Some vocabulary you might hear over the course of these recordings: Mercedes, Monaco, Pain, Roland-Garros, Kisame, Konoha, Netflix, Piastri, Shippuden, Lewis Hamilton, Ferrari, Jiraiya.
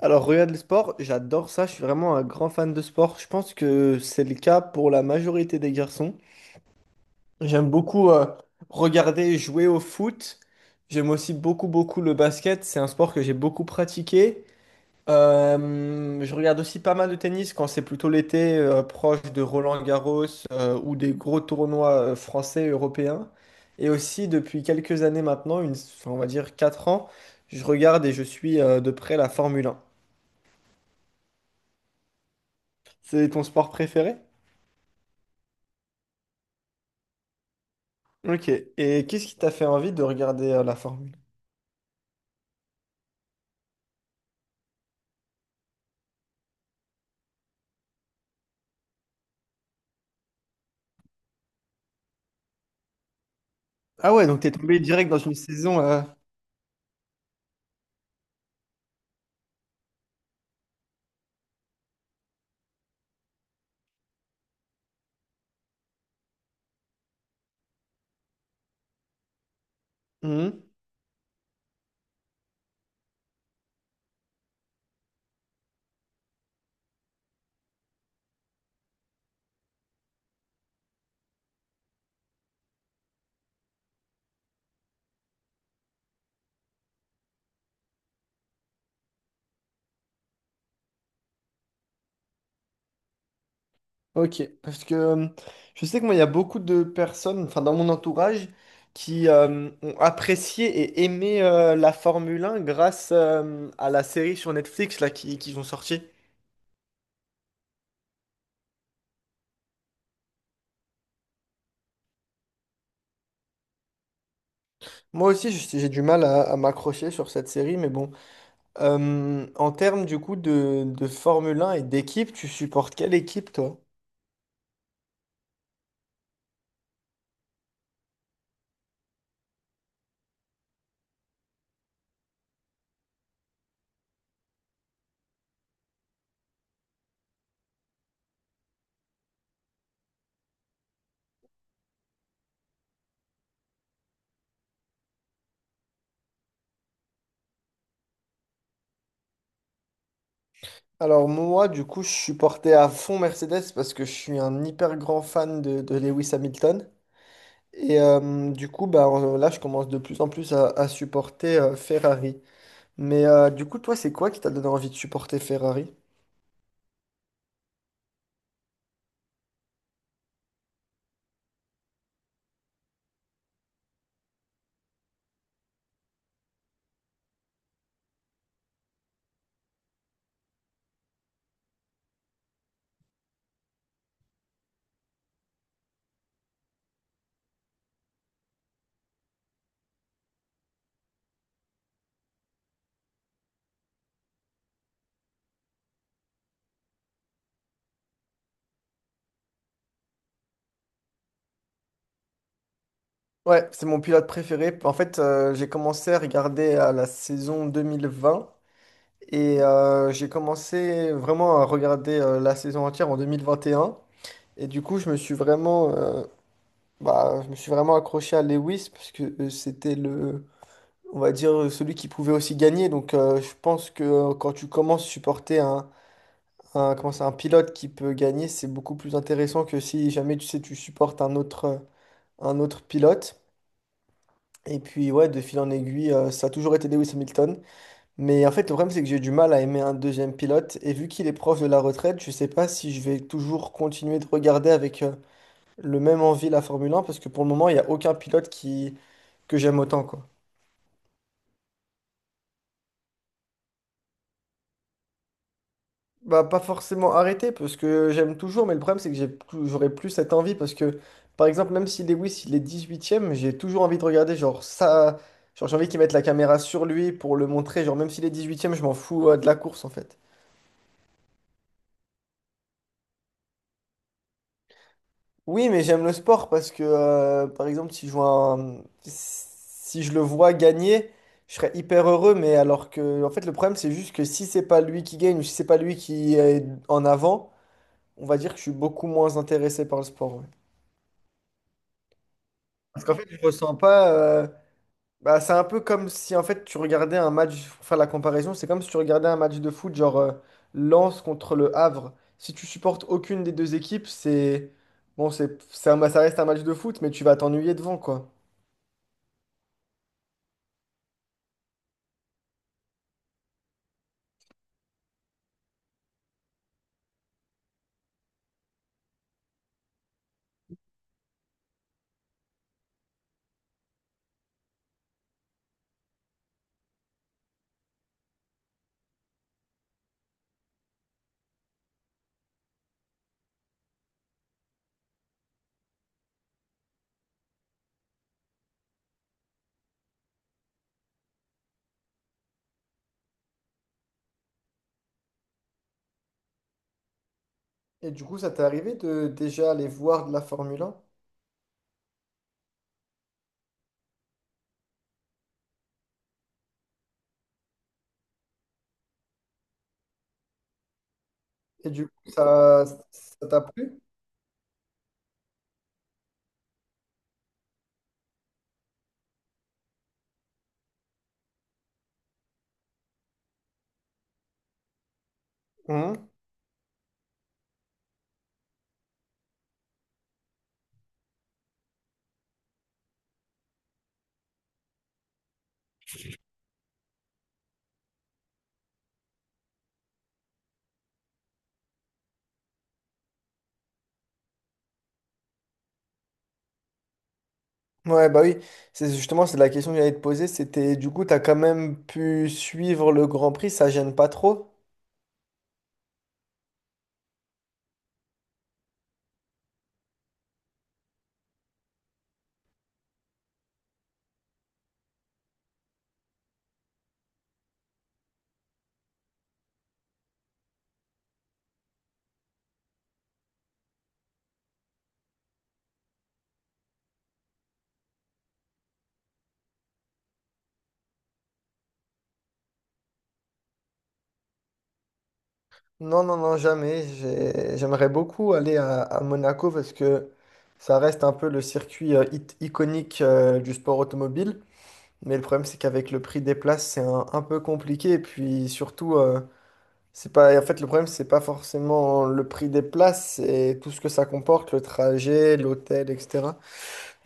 Alors, regarde le sport, j'adore ça, je suis vraiment un grand fan de sport. Je pense que c'est le cas pour la majorité des garçons. J'aime beaucoup regarder et jouer au foot. J'aime aussi beaucoup, beaucoup le basket. C'est un sport que j'ai beaucoup pratiqué. Je regarde aussi pas mal de tennis quand c'est plutôt l'été, proche de Roland-Garros ou des gros tournois français, européens. Et aussi, depuis quelques années maintenant, enfin, on va dire 4 ans, je regarde et je suis de près la Formule 1. C'est ton sport préféré? Ok. Et qu'est-ce qui t'a fait envie de regarder la Formule? Ah ouais, donc t'es tombé direct dans une saison. Mhm. Ok. Parce que je sais que moi, il y a beaucoup de personnes, enfin dans mon entourage, qui ont apprécié et aimé la Formule 1 grâce à la série sur Netflix là qu'ils ont sorti. Moi aussi, j'ai du mal à m'accrocher sur cette série, mais bon. En termes du coup de Formule 1 et d'équipe, tu supportes quelle équipe, toi? Alors moi, du coup, je suis porté à fond Mercedes parce que je suis un hyper grand fan de Lewis Hamilton. Et du coup, bah, là, je commence de plus en plus à supporter Ferrari. Mais du coup, toi, c'est quoi qui t'a donné envie de supporter Ferrari? Ouais, c'est mon pilote préféré. En fait, j'ai commencé à regarder à la saison 2020 et j'ai commencé vraiment à regarder la saison entière en 2021. Et un. Et du coup, je me suis vraiment bah, je me suis vraiment accroché à Lewis parce que c'était le, on va dire, celui qui pouvait aussi gagner. Donc, je pense que quand tu commences à supporter comment ça, un pilote qui peut gagner, c'est beaucoup plus intéressant que si jamais tu sais, tu supportes un autre pilote. Et puis, ouais, de fil en aiguille, ça a toujours été Lewis Hamilton. Mais en fait, le problème, c'est que j'ai du mal à aimer un deuxième pilote. Et vu qu'il est proche de la retraite, je sais pas si je vais toujours continuer de regarder avec le même envie la Formule 1 parce que pour le moment, il n'y a aucun pilote qui que j'aime autant, quoi. Bah, pas forcément arrêter, parce que j'aime toujours, mais le problème, c'est que j'aurais plus cette envie, parce que, par exemple, même si Lewis, il est 10e j'ai toujours envie de regarder, genre, ça. Genre, j'ai envie qu'ils mettent la caméra sur lui pour le montrer, genre, même s'il est 10e je m'en fous, de la course, en fait. Oui, mais j'aime le sport, parce que, par exemple, si je vois si je le vois gagner, je serais hyper heureux, mais alors que, en fait, le problème, c'est juste que si c'est pas lui qui gagne, ou si c'est pas lui qui est en avant, on va dire que je suis beaucoup moins intéressé par le sport. Ouais. Parce qu'en fait, je ressens pas, bah, c'est un peu comme si en fait tu regardais un match, pour faire la comparaison, c'est comme si tu regardais un match de foot, genre Lens contre le Havre. Si tu supportes aucune des deux équipes. C'est. Bon, ça reste un match de foot, mais tu vas t'ennuyer devant, quoi. Et du coup, ça t'est arrivé de déjà aller voir de la Formule 1? Et du coup, ça t'a plu? Mhm. Ouais, bah oui, c'est justement c'est la question que j'allais te poser, c'était du coup, t'as quand même pu suivre le Grand Prix, ça gêne pas trop? Non, non, non, jamais. J'aimerais beaucoup aller à Monaco parce que ça reste un peu le circuit iconique du sport automobile. Mais le problème, c'est qu'avec le prix des places, c'est un peu compliqué. Et puis surtout, c'est pas, en fait, le problème, c'est pas forcément le prix des places, c'est tout ce que ça comporte, le trajet, l'hôtel, etc.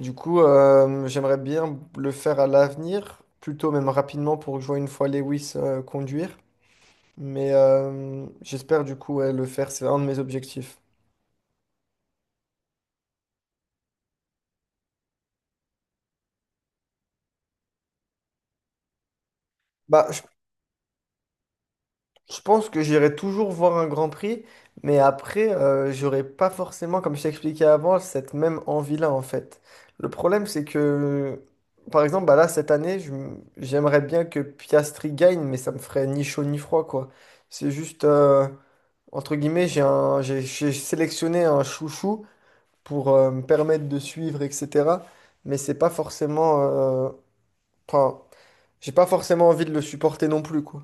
Du coup, j'aimerais bien le faire à l'avenir, plutôt même rapidement pour que je voie une fois Lewis conduire. Mais j'espère du coup ouais, le faire, c'est un de mes objectifs. Bah, je pense que j'irai toujours voir un Grand Prix, mais après, j'aurai pas forcément, comme je t'ai expliqué avant, cette même envie-là en fait. Le problème, c'est que, par exemple, bah là, cette année, j'aimerais bien que Piastri gagne, mais ça me ferait ni chaud ni froid, quoi. C'est juste, entre guillemets, j'ai sélectionné un chouchou pour me permettre de suivre, etc. Mais c'est pas forcément. Enfin, j'ai pas forcément envie de le supporter non plus, quoi.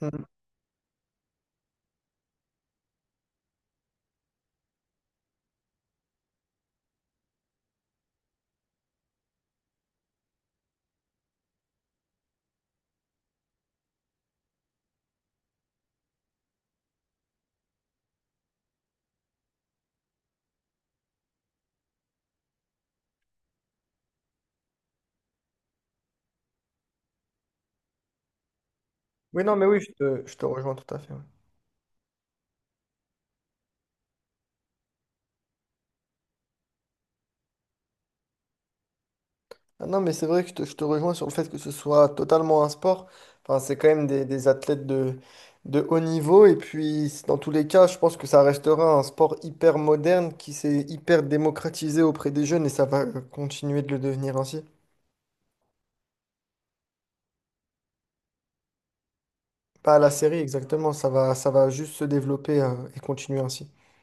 Mm. Oui, non, mais oui, je te rejoins tout à fait. Ouais. Ah non, mais c'est vrai que je te rejoins sur le fait que ce soit totalement un sport. Enfin, c'est quand même des athlètes de haut niveau. Et puis, dans tous les cas, je pense que ça restera un sport hyper moderne qui s'est hyper démocratisé auprès des jeunes et ça va continuer de le devenir ainsi. Pas à la série, exactement. Ça va juste se développer, et continuer ainsi.